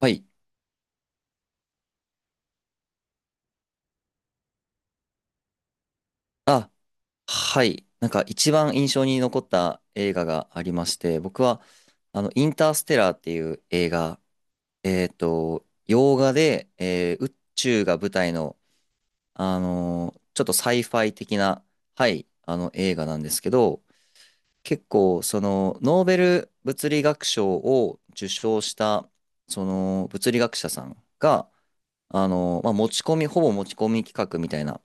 はい。あ、はい。なんか一番印象に残った映画がありまして、僕は、インターステラーっていう映画、洋画で、宇宙が舞台の、ちょっとサイファイ的な、はい、あの映画なんですけど、結構、その、ノーベル物理学賞を受賞した、その、物理学者さんが、まあ、持ち込み、ほぼ持ち込み企画みたいな、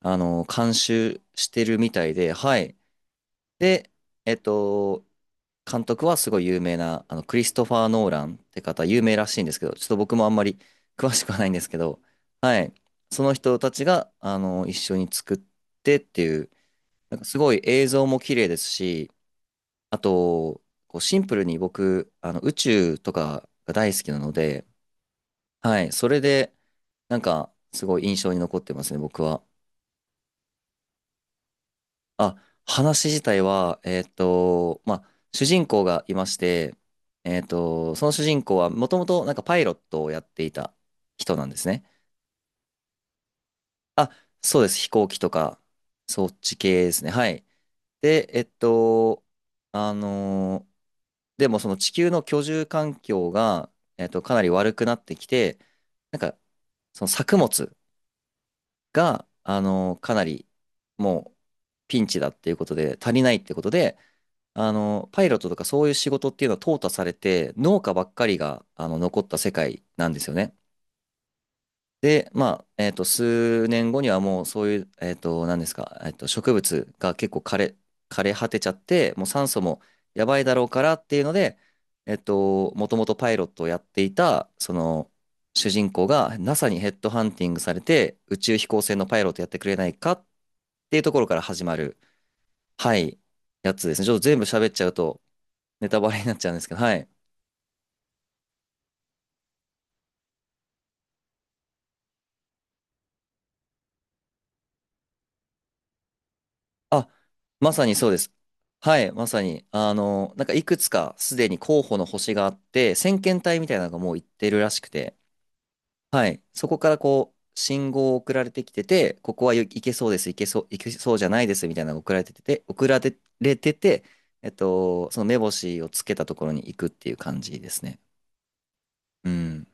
監修してるみたいで、はい。で、えっと、監督はすごい有名な、クリストファー・ノーランって方、有名らしいんですけど、ちょっと僕もあんまり詳しくはないんですけど、はい。その人たちが、一緒に作ってっていう、なんかすごい映像も綺麗ですし、あと、こうシンプルに僕、宇宙とかが大好きなので、はい。それで、なんか、すごい印象に残ってますね、僕は。あ、話自体は、まあ、主人公がいまして、その主人公はもともとなんかパイロットをやっていた人なんですね。あ、そうです。飛行機とか、そっち系ですね。はい。で、あのーでもその地球の居住環境が、かなり悪くなってきて、なんか、その作物が、かなり、もう、ピンチだっていうことで、足りないってことで、パイロットとかそういう仕事っていうのは淘汰されて、農家ばっかりが、残った世界なんですよね。で、まあ、数年後にはもうそういう、何ですか、植物が結構枯れ果てちゃって、もう酸素もやばいだろうからっていうので、もともとパイロットをやっていた、その、主人公が NASA にヘッドハンティングされて、宇宙飛行船のパイロットやってくれないかっていうところから始まる、はい、やつですね。ちょっと全部喋っちゃうと、ネタバレになっちゃうんですけど、はい。あ、まさにそうです。はい、まさに。なんかいくつかすでに候補の星があって、先遣隊みたいなのがもう行ってるらしくて、はい、そこからこう、信号を送られてきてて、ここは行けそうです、行けそう、行けそうじゃないですみたいなのが送られてて、その目星をつけたところに行くっていう感じですね。うん。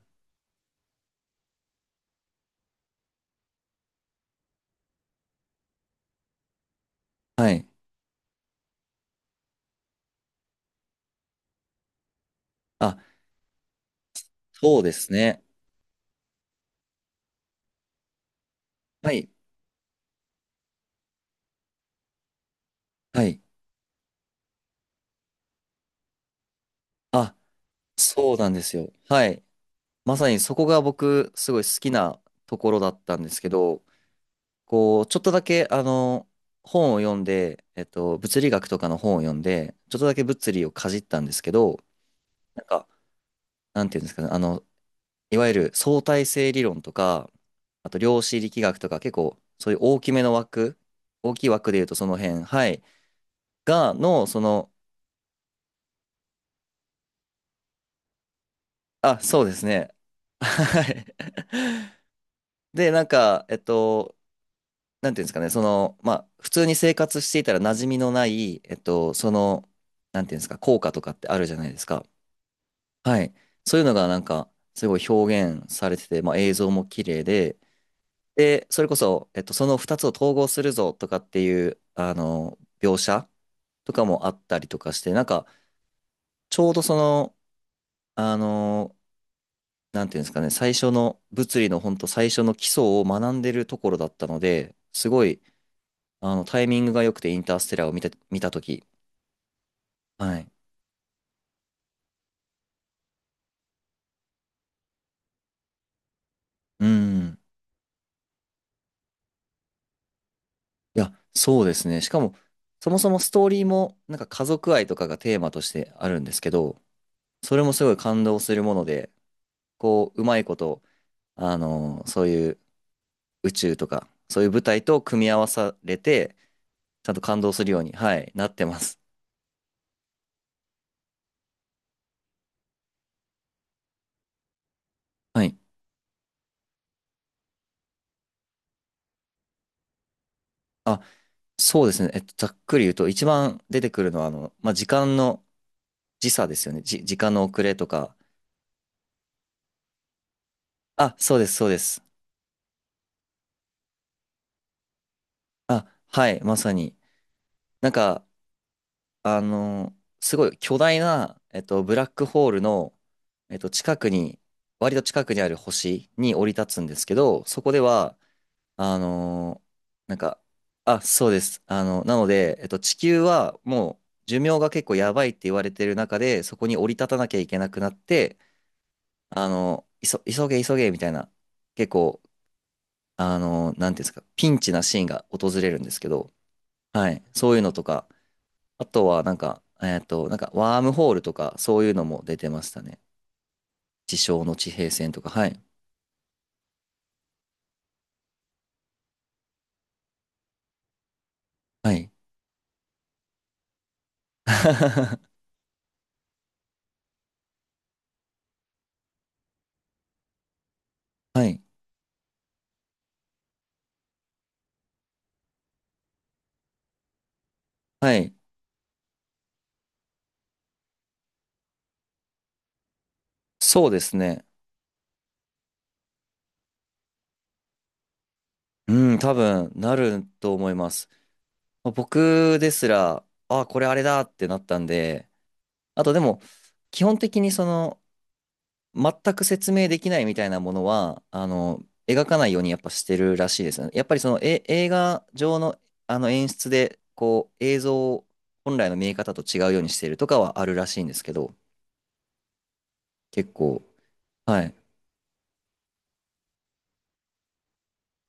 はい。あ、そうですね。はい。はい。あ、そうなんですよ。はい。まさにそこが僕すごい好きなところだったんですけど、こう、ちょっとだけ本を読んで、物理学とかの本を読んで、ちょっとだけ物理をかじったんですけど、なんか、なんていうんですかね、いわゆる相対性理論とか、あと量子力学とか結構そういう大きめの枠、大きい枠で言うとその辺、はい、が、の、その、あ、そうですね。はい。で、なんか、なんていうんですかね、その、まあ、普通に生活していたら馴染みのない、その、なんていうんですか、効果とかってあるじゃないですか。はい。そういうのがなんか、すごい表現されてて、まあ、映像も綺麗で、で、それこそ、その2つを統合するぞとかっていう、描写とかもあったりとかして、なんか、ちょうどその、あの、なんていうんですかね、最初の、物理の本当最初の基礎を学んでるところだったので、すごい、タイミングが良くてインターステラーを見たとはい。うん。いや、そうですね。しかも、そもそもストーリーも、なんか家族愛とかがテーマとしてあるんですけど、それもすごい感動するもので、こう、うまいこと、そういう宇宙とか、そういう舞台と組み合わされて、ちゃんと感動するように、はい、なってます。はい。あ、そうですね。ざっくり言うと、一番出てくるのは、まあ、時間の時差ですよね。時間の遅れとか。あ、そうです、そうです。あ、はい、まさに。なんか、あの、すごい巨大な、ブラックホールの、近くに、割と近くにある星に降り立つんですけど、そこでは、あのなんか、あ、そうです。なので、地球はもう寿命が結構やばいって言われてる中で、そこに降り立たなきゃいけなくなって、急げ急げみたいな、結構、なんていうんですか、ピンチなシーンが訪れるんですけど、はい、そういうのとか、あとは、なんか、なんか、ワームホールとか、そういうのも出てましたね。地上の地平線とか、はい。はい。はい。はい。そうですね。うん、多分、なると思います。まあ僕ですら、あ、これあれだってなったんで、あとでも、基本的にその、全く説明できないみたいなものは、描かないようにやっぱしてるらしいですよね。やっぱりその、え、映画上の、あの演出で、こう、映像を本来の見え方と違うようにしているとかはあるらしいんですけど、結構、はい。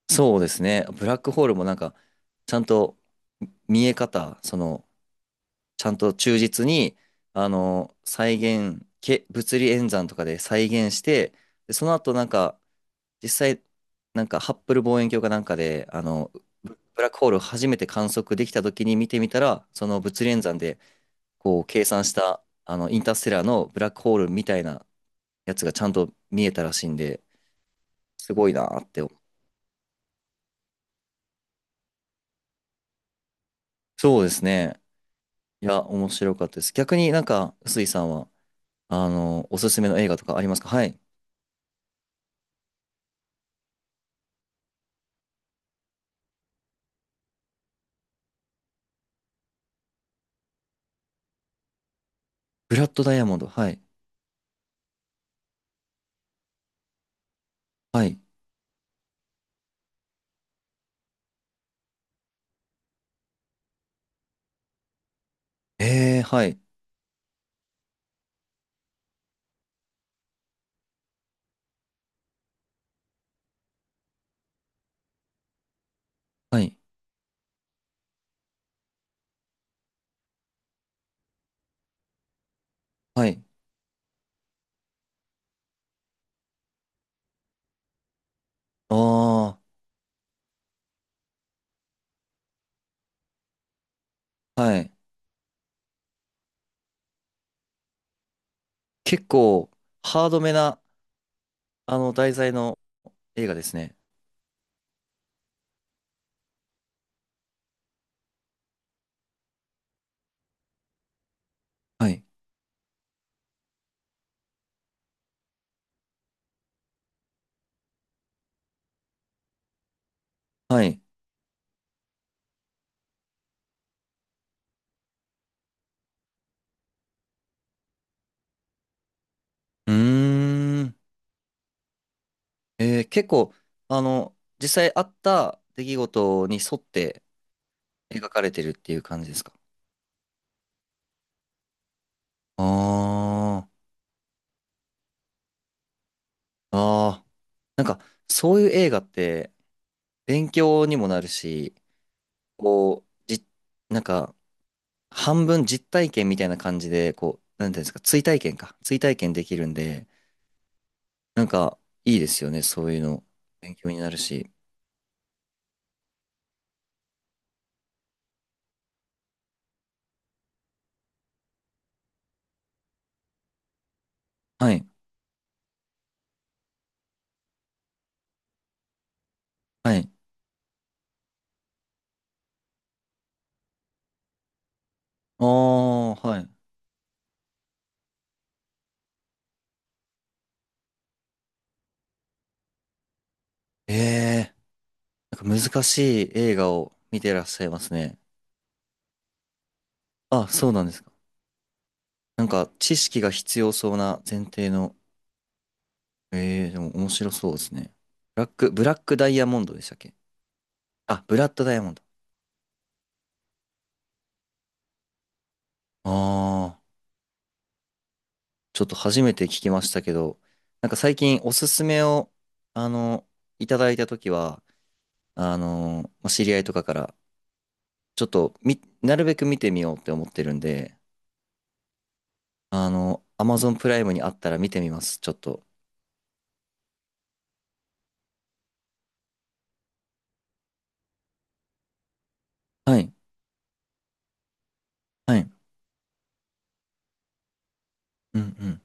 そうですね。ブラックホールもなんか、ちゃんと見え方、その、ちゃんと忠実に、再現、物理演算とかで再現して、で、その後なんか、実際、なんかハッブル望遠鏡かなんかであのブラックホールを初めて観測できた時に見てみたら、その物理演算でこう計算したあのインターステラーのブラックホールみたいなやつがちゃんと見えたらしいんで、すごいなって。そうですね。いや、面白かったです。逆になんか、臼井さんは、おすすめの映画とかありますか、はい。ブラッドダイヤモンド。はい。はい。えー、はい。はい。はい。ああ、はい。結構、ハードめな、題材の映画ですね。はい。はい。うーん。えー結構、実際あった出来事に沿って描かれてるっていう感じですか。ああ、ああ、なんか、そういう映画って、勉強にもなるし、こう、なんか、半分実体験みたいな感じで、こう、なんていうんですか、追体験か。追体験できるんで、なんか、いいですよね、そういうの。勉強になるし。はい、はい。ああ、はい。ええ、なんか難しい映画を見てらっしゃいますね。あ、そうなんですか。なんか、知識が必要そうな前提の、ええー、でも面白そうですね。ブラック、ブラックダイヤモンドでしたっけ。あ、ブラッドダイヤモンド。ああ、ちょっと初めて聞きましたけど、なんか最近おすすめを、あの、いただいたときは、まあ知り合いとかから、ちょっとなるべく見てみようって思ってるんで、アマゾンプライムにあったら見てみます、ちょっと。はい、はい、うん、うん、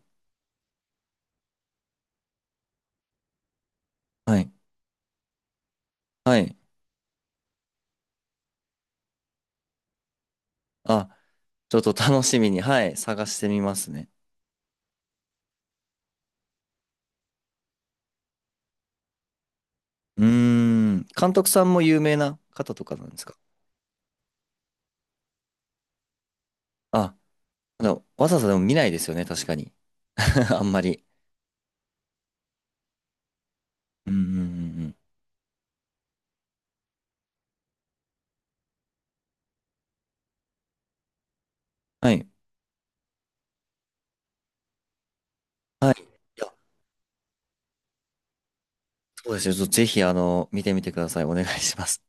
はい、はい。あ、ちょっと楽しみに、はい、探してみますね。うーん、監督さんも有名な方とかなんですか。あ、でもわざわざでも見ないですよね、確かに。あんまり。うんうんうんうん。はい。はい。いや、そうですよ。ぜひ、見てみてください。お願いします。